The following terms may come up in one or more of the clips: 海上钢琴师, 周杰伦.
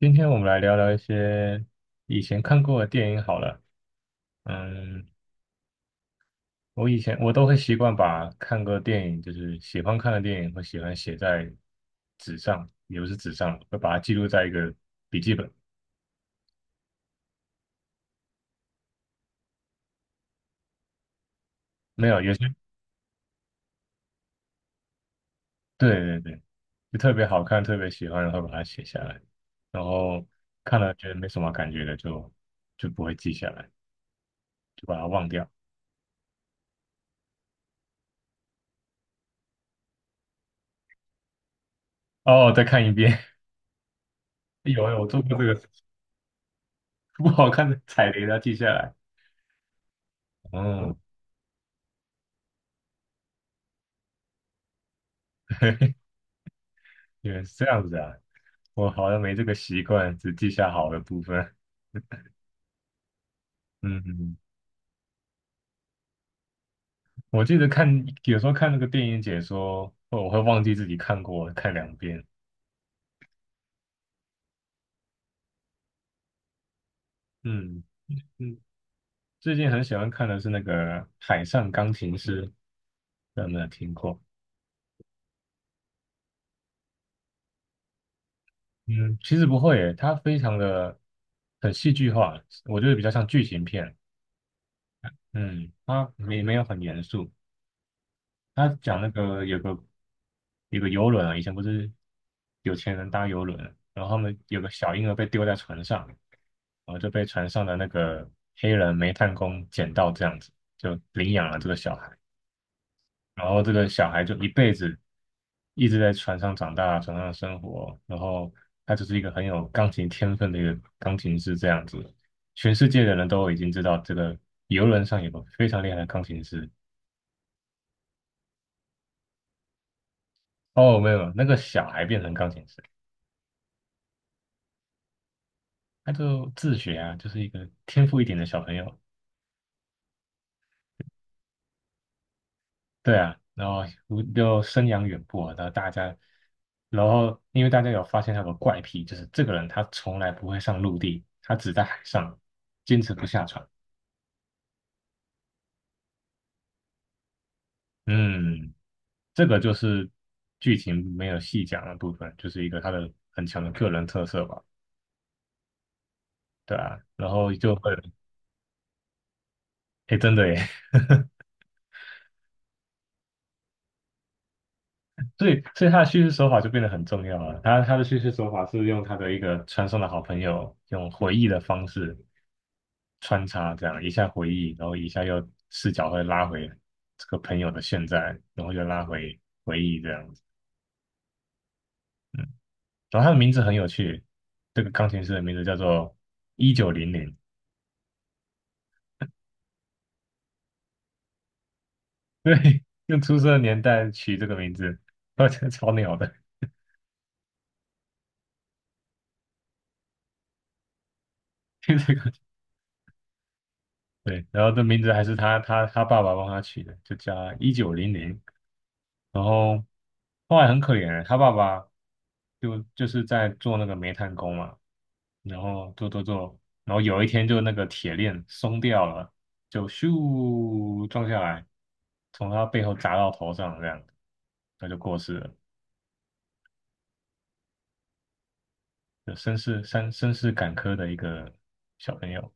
今天我们来聊聊一些以前看过的电影好了。嗯，我以前都会习惯把看过的电影，就是喜欢看的电影，会喜欢写在纸上，也不是纸上，会把它记录在一个笔记本。没有，有些对对对，就特别好看，特别喜欢，然后把它写下来，然后看了觉得没什么感觉的，就不会记下来，就把它忘掉。哦，再看一遍，有，我做过这个 事情不好看的踩雷，要记下来。嗯。原来是这样子啊，我好像没这个习惯，只记下好的部分。嗯，嗯，我记得看有时候看那个电影解说，我会忘记自己看过，看两遍。嗯嗯，最近很喜欢看的是那个《海上钢琴师》，不知道有没有听过？嗯，其实不会耶，它非常的很戏剧化，我觉得比较像剧情片。嗯，它没有很严肃。他讲那个有个游轮啊，以前不是有钱人搭游轮啊，然后他们有个小婴儿被丢在船上，然后就被船上的那个黑人煤炭工捡到，这样子就领养了这个小孩，然后这个小孩就一辈子一直在船上长大，船上生活，然后他就是一个很有钢琴天分的一个钢琴师这样子，全世界的人都已经知道这个游轮上有个非常厉害的钢琴师。哦，没有，那个小孩变成钢琴师。他就自学啊，就是一个天赋一点的小朋友，对啊，然后我就生养远播啊，然后大家，然后因为大家有发现他有个怪癖，就是这个人他从来不会上陆地，他只在海上，坚持不下船。嗯，这个就是剧情没有细讲的部分，就是一个他的很强的个人特色吧，对啊，然后就会，哎，真的耶，所以，所以他的叙事手法就变得很重要了。他的叙事手法是用他的一个传送的好朋友，用回忆的方式穿插，这样一下回忆，然后一下又视角会拉回这个朋友的现在，然后又拉回回忆这样子。然后他的名字很有趣，这个钢琴师的名字叫做一九零零，对，用出生的年代取这个名字，我觉得超鸟的，听这个对，然后这名字还是他爸爸帮他取的，就叫一九零零。然后后来很可怜欸，他爸爸就就是在做那个煤炭工嘛，然后做做做，然后有一天就那个铁链松掉了，就咻撞下来，从他背后砸到头上这样，他就过世了，就身世坎坷的一个小朋友。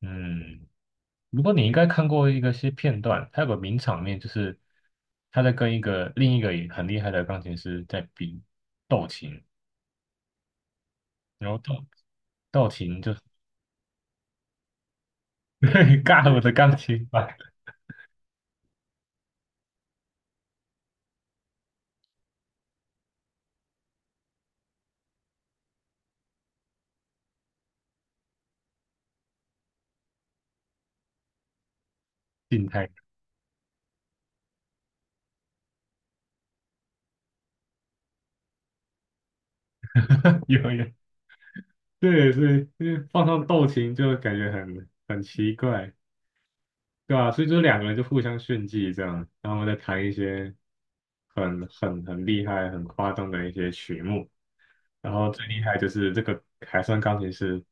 嗯，不过你应该看过一个些片段，他有个名场面，就是他在跟一个另一个也很厉害的钢琴师在比斗琴。然后斗道琴就 尬了我的钢琴吧，静态 有，对，所以因为放上道琴就感觉很奇怪，对吧、所以就两个人就互相炫技这样，然后再弹一些很厉害、很夸张的一些曲目，然后最厉害就是这个海上钢琴师，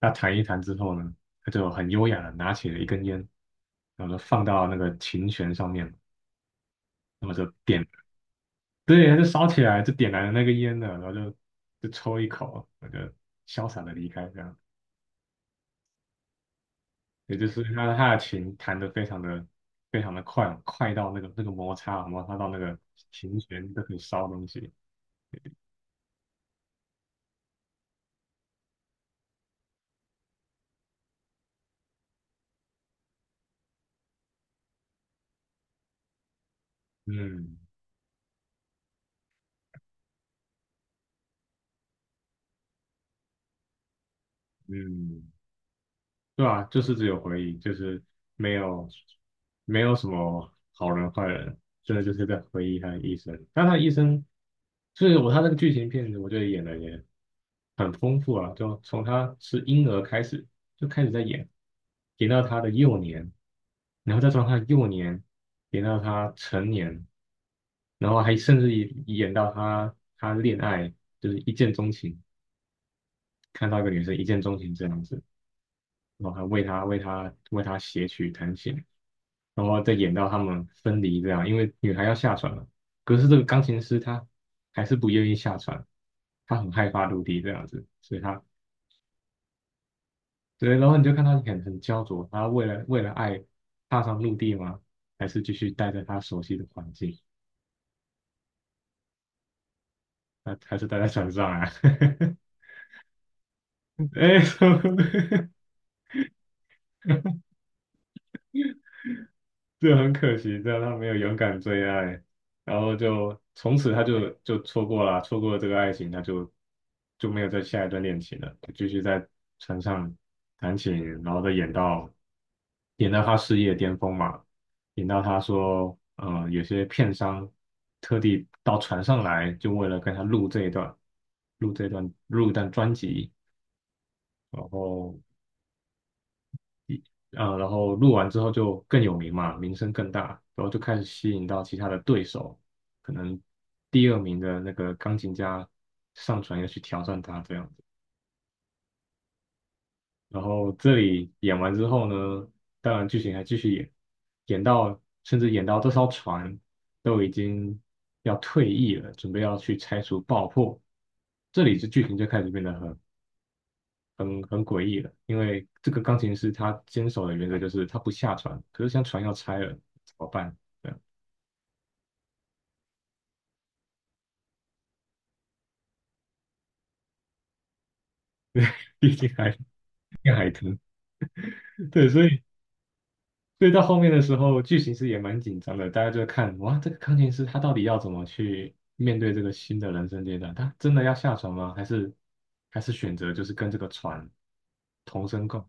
他弹一弹之后呢，他就很优雅的拿起了一根烟，然后就放到那个琴弦上面，那么就点对，他就烧起来，就点燃了那个烟了，然后就抽一口，我就潇洒的离开，这样。也就是他的琴弹得非常的快，快到那个摩擦到那个琴弦都可以烧东西。嗯嗯，对啊，就是只有回忆，就是没有没有什么好人坏人，真的就是在回忆他的一生。但他的一生，就是我他那个剧情片子，我觉得演的也很丰富啊，就从他是婴儿开始就开始在演，演到他的幼年，然后再从他的幼年演到他成年，然后还甚至演到他恋爱，就是一见钟情，看到一个女生一见钟情这样子。然后还为他写曲弹琴，然后再演到他们分离这样，因为女孩要下船了，可是这个钢琴师他还是不愿意下船，他很害怕陆地这样子，所以他对，然后你就看他很很焦灼，他为了爱踏上陆地吗？还是继续待在他熟悉的环境？还是待在船上啊？哎，什么，这很可惜，这样他没有勇敢追爱，然后就从此他就错过了，错过了这个爱情，他就没有再下一段恋情了，就继续在船上弹琴，然后再演到演到他事业巅峰嘛，演到他说，有些片商特地到船上来，就为了跟他录这一段，录这一段，录一段专辑，然后然后录完之后就更有名嘛，名声更大，然后就开始吸引到其他的对手，可能第二名的那个钢琴家上船要去挑战他这样子。然后这里演完之后呢，当然剧情还继续演，演到甚至演到这艘船都已经要退役了，准备要去拆除爆破，这里就剧情就开始变得很诡异的，因为这个钢琴师他坚守的原则就是他不下船，可是像船要拆了怎么办？对啊，毕竟还要海豚，对，所以到后面的时候，剧情是也蛮紧张的，大家就看哇，这个钢琴师他到底要怎么去面对这个新的人生阶段？他真的要下船吗？还是选择就是跟这个船同生共？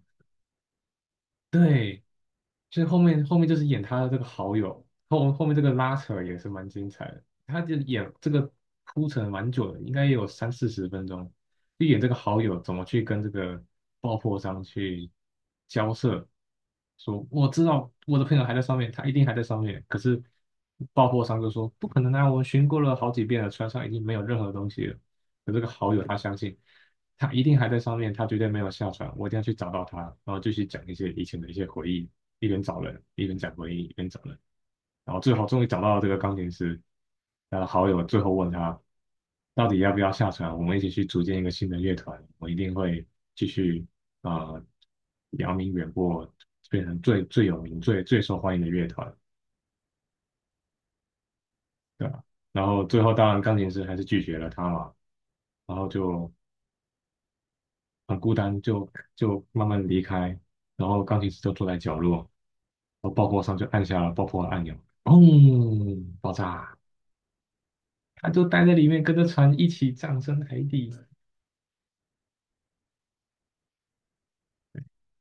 就是后面就是演他的这个好友，后面这个拉扯也是蛮精彩的。他就演这个铺陈蛮久的，应该也有三四十分钟，就演这个好友怎么去跟这个爆破商去交涉，说我知道我的朋友还在上面，他一定还在上面，可是爆破商就说不可能啊，我们巡过了好几遍了，船上已经没有任何东西了。可这个好友他相信。他一定还在上面，他绝对没有下船。我一定要去找到他，然后继续讲一些以前的一些回忆，一边找人，一边讲回忆，一边找人。然后最后终于找到了这个钢琴师，他的好友最后问他，到底要不要下船？我们一起去组建一个新的乐团，我一定会继续啊、呃，扬名远播，变成最最有名、最最受欢迎的乐团，对吧？然后最后当然钢琴师还是拒绝了他嘛，然后就很孤单，就慢慢离开，然后钢琴师就坐在角落，然后爆破商就按下了爆破按钮，砰，爆炸，他就待在里面，跟着船一起葬身海底，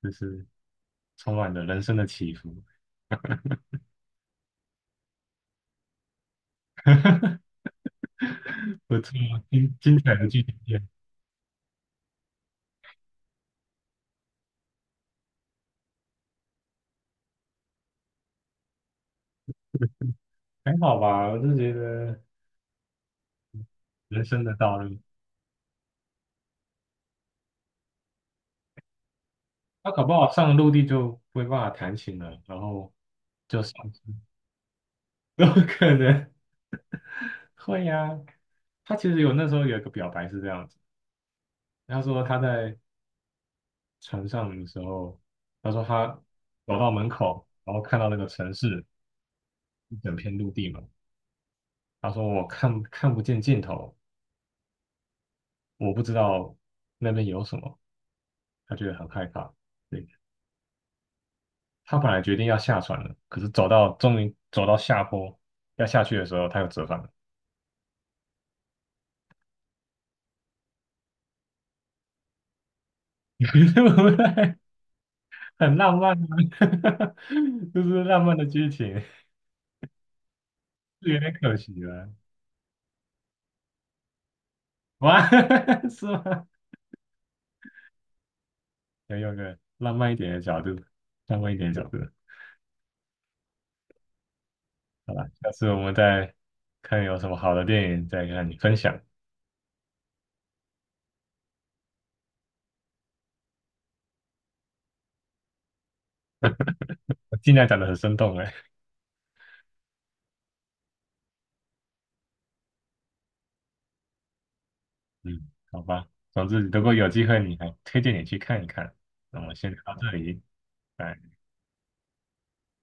就是充满了人生的起伏，不错，精彩的剧情片，还好吧，我就觉得人生的道路，他搞不好上陆地就没办法弹琴了，然后就上。有可能会呀、他其实有那时候有一个表白是这样子，他说他在船上的时候，他说他走到门口，然后看到那个城市一整片陆地嘛，他说我看不见尽头，我不知道那边有什么，他觉得很害怕。对，他本来决定要下船了，可是走到终于走到下坡要下去的时候，他又折返了，对不对？很浪漫啊，就是浪漫的剧情。是有点可惜了。哇，是吗？要用个浪漫一点的角度，浪漫一点的角度。好吧，下次我们再看有什么好的电影再跟你分享。我尽量讲的很生动哎。嗯，好吧。总之，如果有机会，你还推荐你去看一看。那我们先聊到这里，拜。